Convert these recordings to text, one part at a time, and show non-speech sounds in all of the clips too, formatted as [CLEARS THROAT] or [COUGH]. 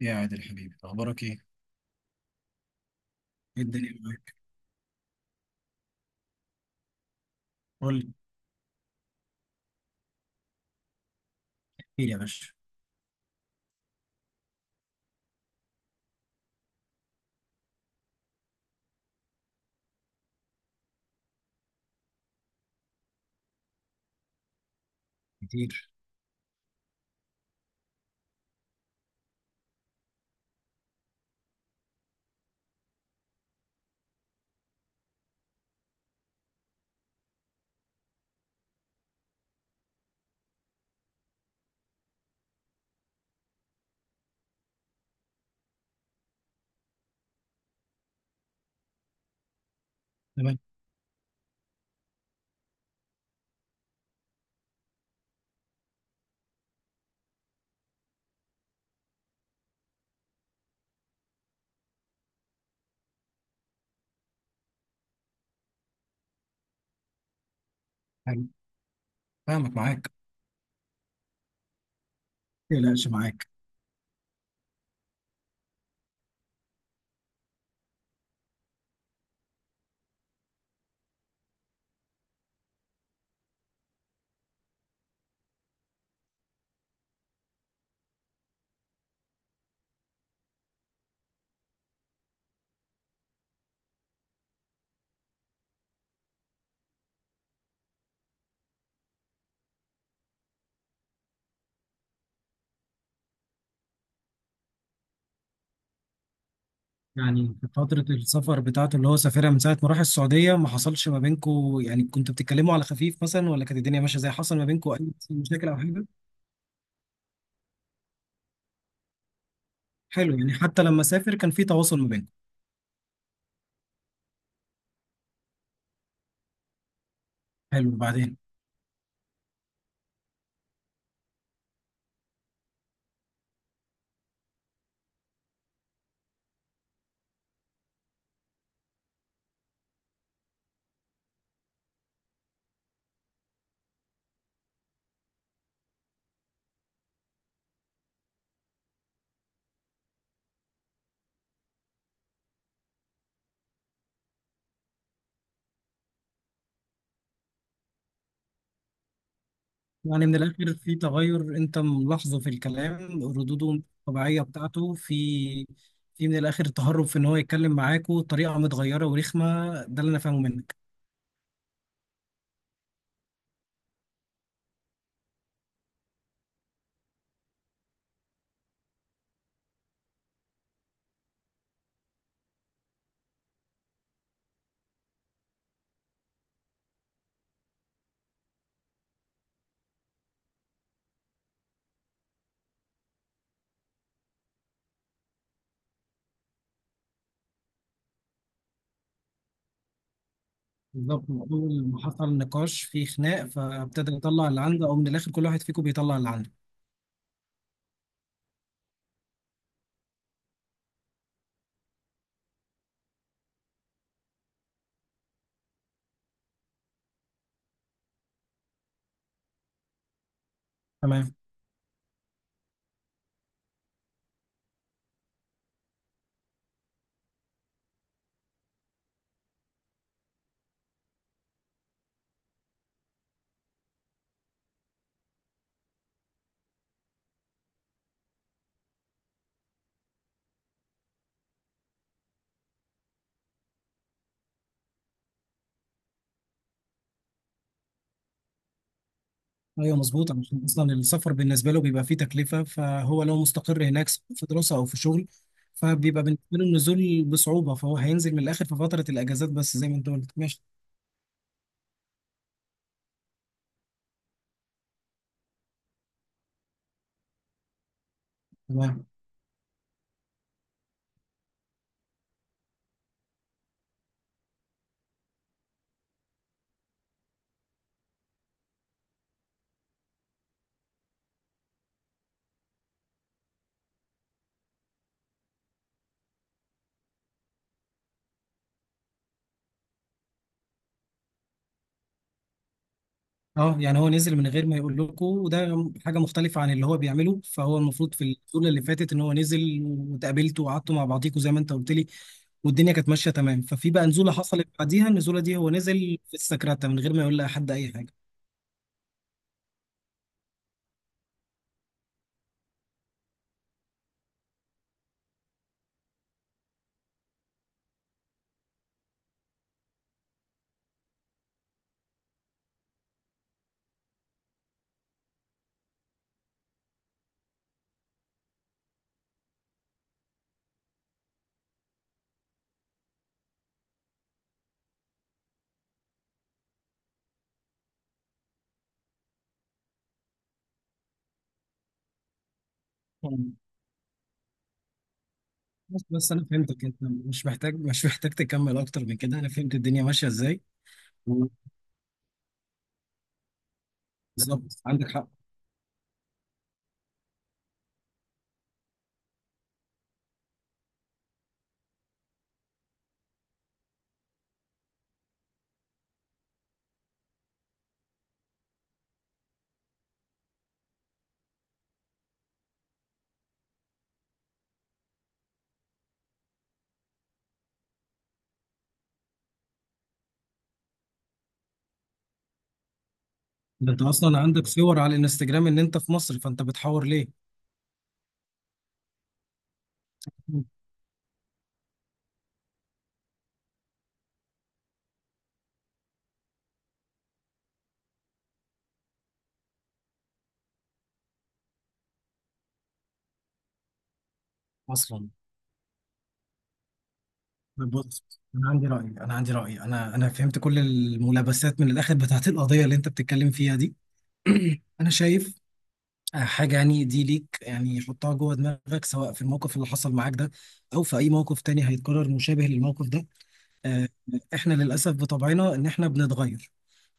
يا عادل حبيبي اخبارك ايه؟ ايه الدنيا معاك؟ قول لي كتير يا باشا. كتير تمام. حلو، فاهمك معاك. ما تقلقش معاك. يعني في فترة السفر بتاعته اللي هو سافرها من ساعة ما راح السعودية، ما حصلش ما بينكو يعني؟ كنتوا بتتكلموا على خفيف مثلا ولا كانت الدنيا ماشية زي حصل ما بينكو أي مشاكل أو حاجة؟ حلو، يعني حتى لما سافر كان في تواصل ما بينكم. حلو بعدين. يعني من الآخر في تغير أنت ملاحظه في الكلام ردوده الطبيعية بتاعته. في من الآخر تهرب في إن هو يتكلم معاكوا بطريقة متغيرة ورخمة، ده اللي أنا فاهمه منك. بالظبط، من أول ما حصل نقاش في خناق فابتدى يطلع اللي عنده، أو من الآخر كل واحد فيكم بيطلع اللي عنده. تمام. أيوه مظبوط، عشان أصلا السفر بالنسبة له بيبقى فيه تكلفة، فهو لو مستقر هناك سواء في دراسة أو في شغل فبيبقى بالنسبة له النزول بصعوبة، فهو هينزل من الآخر في فترة الأجازات، بس زي ما أنت قلت ماشي. تمام. اه يعني هو نزل من غير ما يقول لكم، وده حاجه مختلفه عن اللي هو بيعمله، فهو المفروض في الجوله اللي فاتت ان هو نزل واتقابلتوا وقعدتوا مع بعضيكوا زي ما انت قلت لي والدنيا كانت ماشيه تمام. ففي بقى نزوله حصلت بعديها، النزوله دي هو نزل في السكرته من غير ما يقول لأحد اي حاجه. مم. بس انا فهمتك، انت مش محتاج مش محتاج تكمل اكتر من كده، انا فهمت الدنيا ماشيه ازاي. بالظبط عندك حق. ده انت اصلا عندك صور على الانستجرام ان انت في مصر، فانت بتحور ليه؟ مم. اصلا بص، انا عندي راي، انا عندي راي، انا فهمت كل الملابسات من الاخر بتاعت القضيه اللي انت بتتكلم فيها دي. [CLEARS THROAT] انا شايف حاجه، يعني دي ليك، يعني حطها جوه دماغك سواء في الموقف اللي حصل معاك ده او في اي موقف تاني هيتكرر مشابه للموقف ده. آه، احنا للاسف بطبعنا ان احنا بنتغير،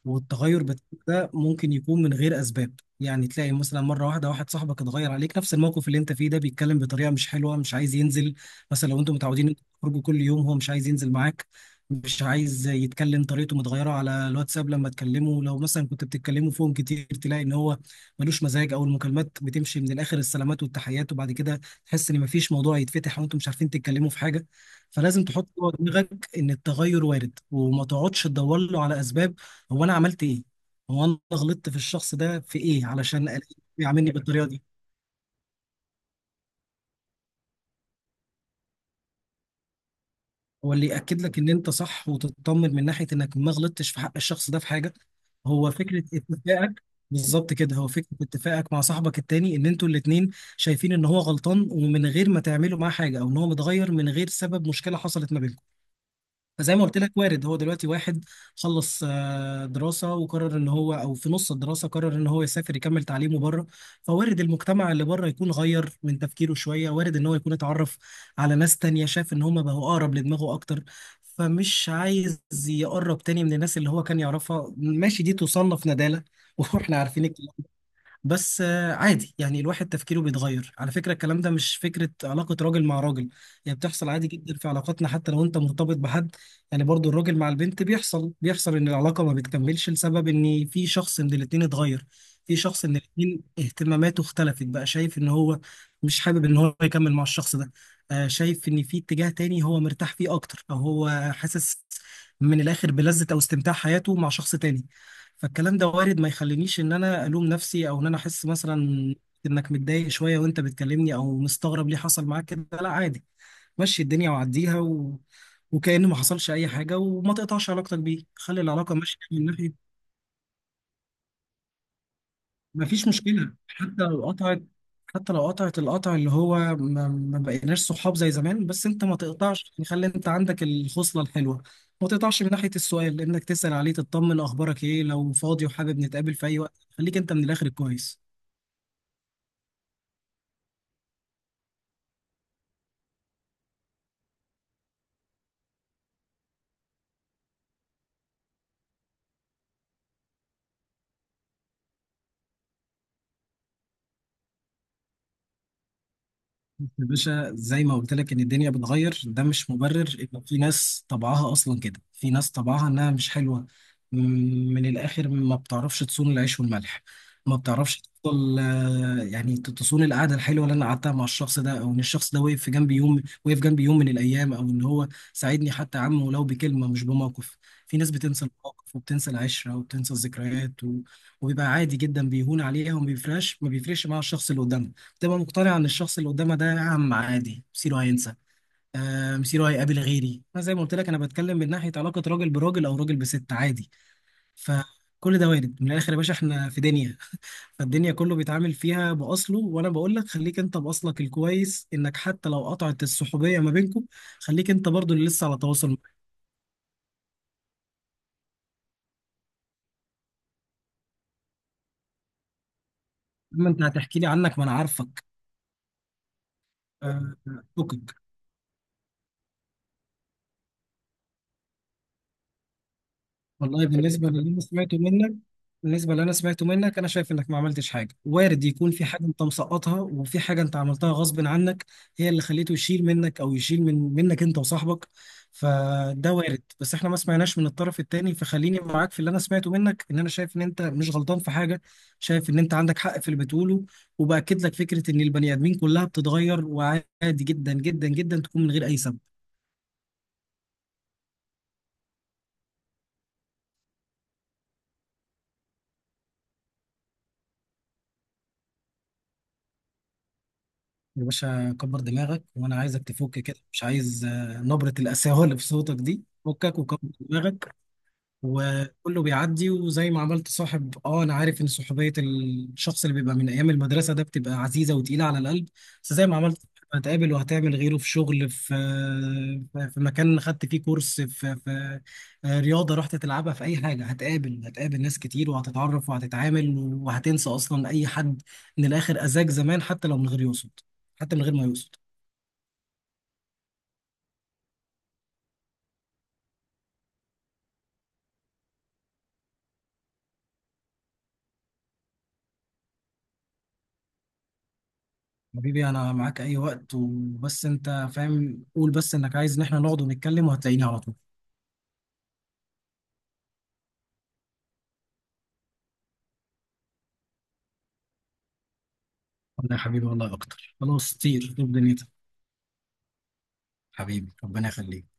والتغير بتاعك ده ممكن يكون من غير اسباب. يعني تلاقي مثلا مره واحده واحد صاحبك اتغير عليك، نفس الموقف اللي انت فيه ده، بيتكلم بطريقه مش حلوه، مش عايز ينزل. مثلا لو انتوا متعودين انتوا تخرجوا كل يوم، هو مش عايز ينزل معاك، مش عايز يتكلم، طريقته متغيره على الواتساب لما تكلمه، لو مثلا كنت بتتكلموا فيهم كتير تلاقي ان هو ملوش مزاج، او المكالمات بتمشي من الاخر السلامات والتحيات، وبعد كده تحس ان مفيش موضوع يتفتح وانتوا مش عارفين تتكلموا في حاجه. فلازم تحط جوه دماغك ان التغير وارد، وما تقعدش تدور له على اسباب: هو انا عملت ايه؟ هو انا غلطت في الشخص ده في ايه علشان ألاقيه يعاملني بالطريقه دي؟ هو اللي ياكد لك ان انت صح وتطمن من ناحيه انك ما غلطتش في حق الشخص ده في حاجه، هو فكره اتفاقك. بالظبط كده، هو فكره اتفاقك مع صاحبك التاني، ان انتوا الاتنين شايفين ان هو غلطان، ومن غير ما تعملوا معاه حاجه، او ان هو متغير من غير سبب مشكله حصلت ما بينكم. فزي ما قلت لك، وارد هو دلوقتي واحد خلص دراسة، وقرر ان هو او في نص الدراسة قرر ان هو يسافر يكمل تعليمه بره، فوارد المجتمع اللي بره يكون غير من تفكيره شوية، وارد ان هو يكون اتعرف على ناس تانية شاف ان هما بقوا اقرب لدماغه اكتر، فمش عايز يقرب تاني من الناس اللي هو كان يعرفها. ماشي، دي تصنف ندالة [LAUGHS] واحنا عارفين. بس عادي، يعني الواحد تفكيره بيتغير. على فكرة الكلام ده مش فكرة علاقة راجل مع راجل، هي بتحصل عادي جدا في علاقاتنا حتى لو انت مرتبط بحد. يعني برضو الراجل مع البنت بيحصل، بيحصل ان العلاقة ما بتكملش لسبب ان في شخص من الاتنين اتغير، في شخص من الاتنين اهتماماته اختلفت، بقى شايف ان هو مش حابب ان هو يكمل مع الشخص ده، شايف ان في اتجاه تاني هو مرتاح فيه اكتر، او هو حاسس من الاخر بلذة او استمتاع حياته مع شخص تاني. فالكلام ده وارد، ما يخلينيش ان انا الوم نفسي، او ان انا احس مثلا انك متضايق شويه وانت بتكلمني، او مستغرب ليه حصل معاك كده. لا عادي، مشي الدنيا وعديها، و... وكأن ما حصلش اي حاجه، وما تقطعش علاقتك بيه، خلي العلاقه ماشيه من ناحيه. مفيش مشكلة حتى لو قطعت، حتى لو قطعت القطع اللي هو ما بقيناش صحاب زي زمان، بس انت ما تقطعش يعني، خلي انت عندك الخصلة الحلوة، ما تقطعش من ناحية السؤال، انك تسأل عليه تطمن، اخبارك ايه، لو فاضي وحابب نتقابل في اي وقت، خليك انت من الاخر كويس. بص يا باشا، زي ما قلت لك ان الدنيا بتغير، ده مش مبرر، ان في ناس طبعها اصلا كده، في ناس طبعها انها مش حلوه، م- من الاخر ما بتعرفش تصون العيش والملح، ما بتعرفش تفضل يعني تصون القعده الحلوه اللي انا قعدتها مع الشخص ده، او ان الشخص ده وقف في جنبي يوم، وقف جنبي يوم من الايام، او ان هو ساعدني حتى يا عم ولو بكلمه مش بموقف. في ناس بتنسى المواقف، وبتنسى العشره، وبتنسى الذكريات، و... وبيبقى عادي جدا بيهون عليها، وما بيفرقش ما بيفرقش مع الشخص اللي قدامها، تبقى مقتنع ان الشخص اللي قدامها ده عم عادي، مصيره هينسى، آه مصيره هيقابل غيري. انا زي ما قلت لك، انا بتكلم من ناحيه علاقه راجل براجل، او راجل بست عادي. فكل ده وارد، من الاخر يا باشا احنا في دنيا، فالدنيا كله بيتعامل فيها باصله، وانا بقول لك خليك انت باصلك الكويس، انك حتى لو قطعت الصحوبيه ما بينكم، خليك انت برضو اللي لسه على تواصل. اما انت هتحكي لي عنك ما انا عارفك. آه، اوكي. والله بالنسبة للي أنا سمعته منك، بالنسبة للي أنا سمعته منك أنا شايف إنك ما عملتش حاجة، وارد يكون في حاجة أنت مسقطها، وفي حاجة أنت عملتها غصب عنك، هي اللي خليته يشيل منك، أو يشيل منك أنت وصاحبك. فده وارد، بس إحنا ما سمعناش من الطرف التاني، فخليني معاك في اللي أنا سمعته منك، إن أنا شايف إن أنت مش غلطان في حاجة، شايف إن أنت عندك حق في اللي بتقوله. وبأكد لك فكرة إن البني آدمين كلها بتتغير، وعادي جدا جدا جدا تكون من غير أي سبب. يا باشا كبر دماغك، وانا عايزك تفك كده، مش عايز نبرة القساوة اللي في صوتك دي، فكك وكبر دماغك، وكله بيعدي. وزي ما عملت صاحب، اه انا عارف ان صحوبيه الشخص اللي بيبقى من ايام المدرسه ده بتبقى عزيزه وتقيله على القلب، بس زي ما عملت هتقابل وهتعمل غيره، في شغل، في مكان خدت فيه كورس، في رياضه رحت تلعبها، في اي حاجه، هتقابل ناس كتير، وهتتعرف وهتتعامل، وهتنسى اصلا اي حد من الاخر اذاك زمان، حتى لو من غير يقصد، حتى من غير ما يقصد. حبيبي انا معاك اي وقت، وبس انت فاهم، قول بس انك عايز ان احنا نقعد ونتكلم وهتلاقيني على طول. والله يا حبيبي، والله اكتر، خلاص طير طير دنيتك. حبيبي ربنا يخليك.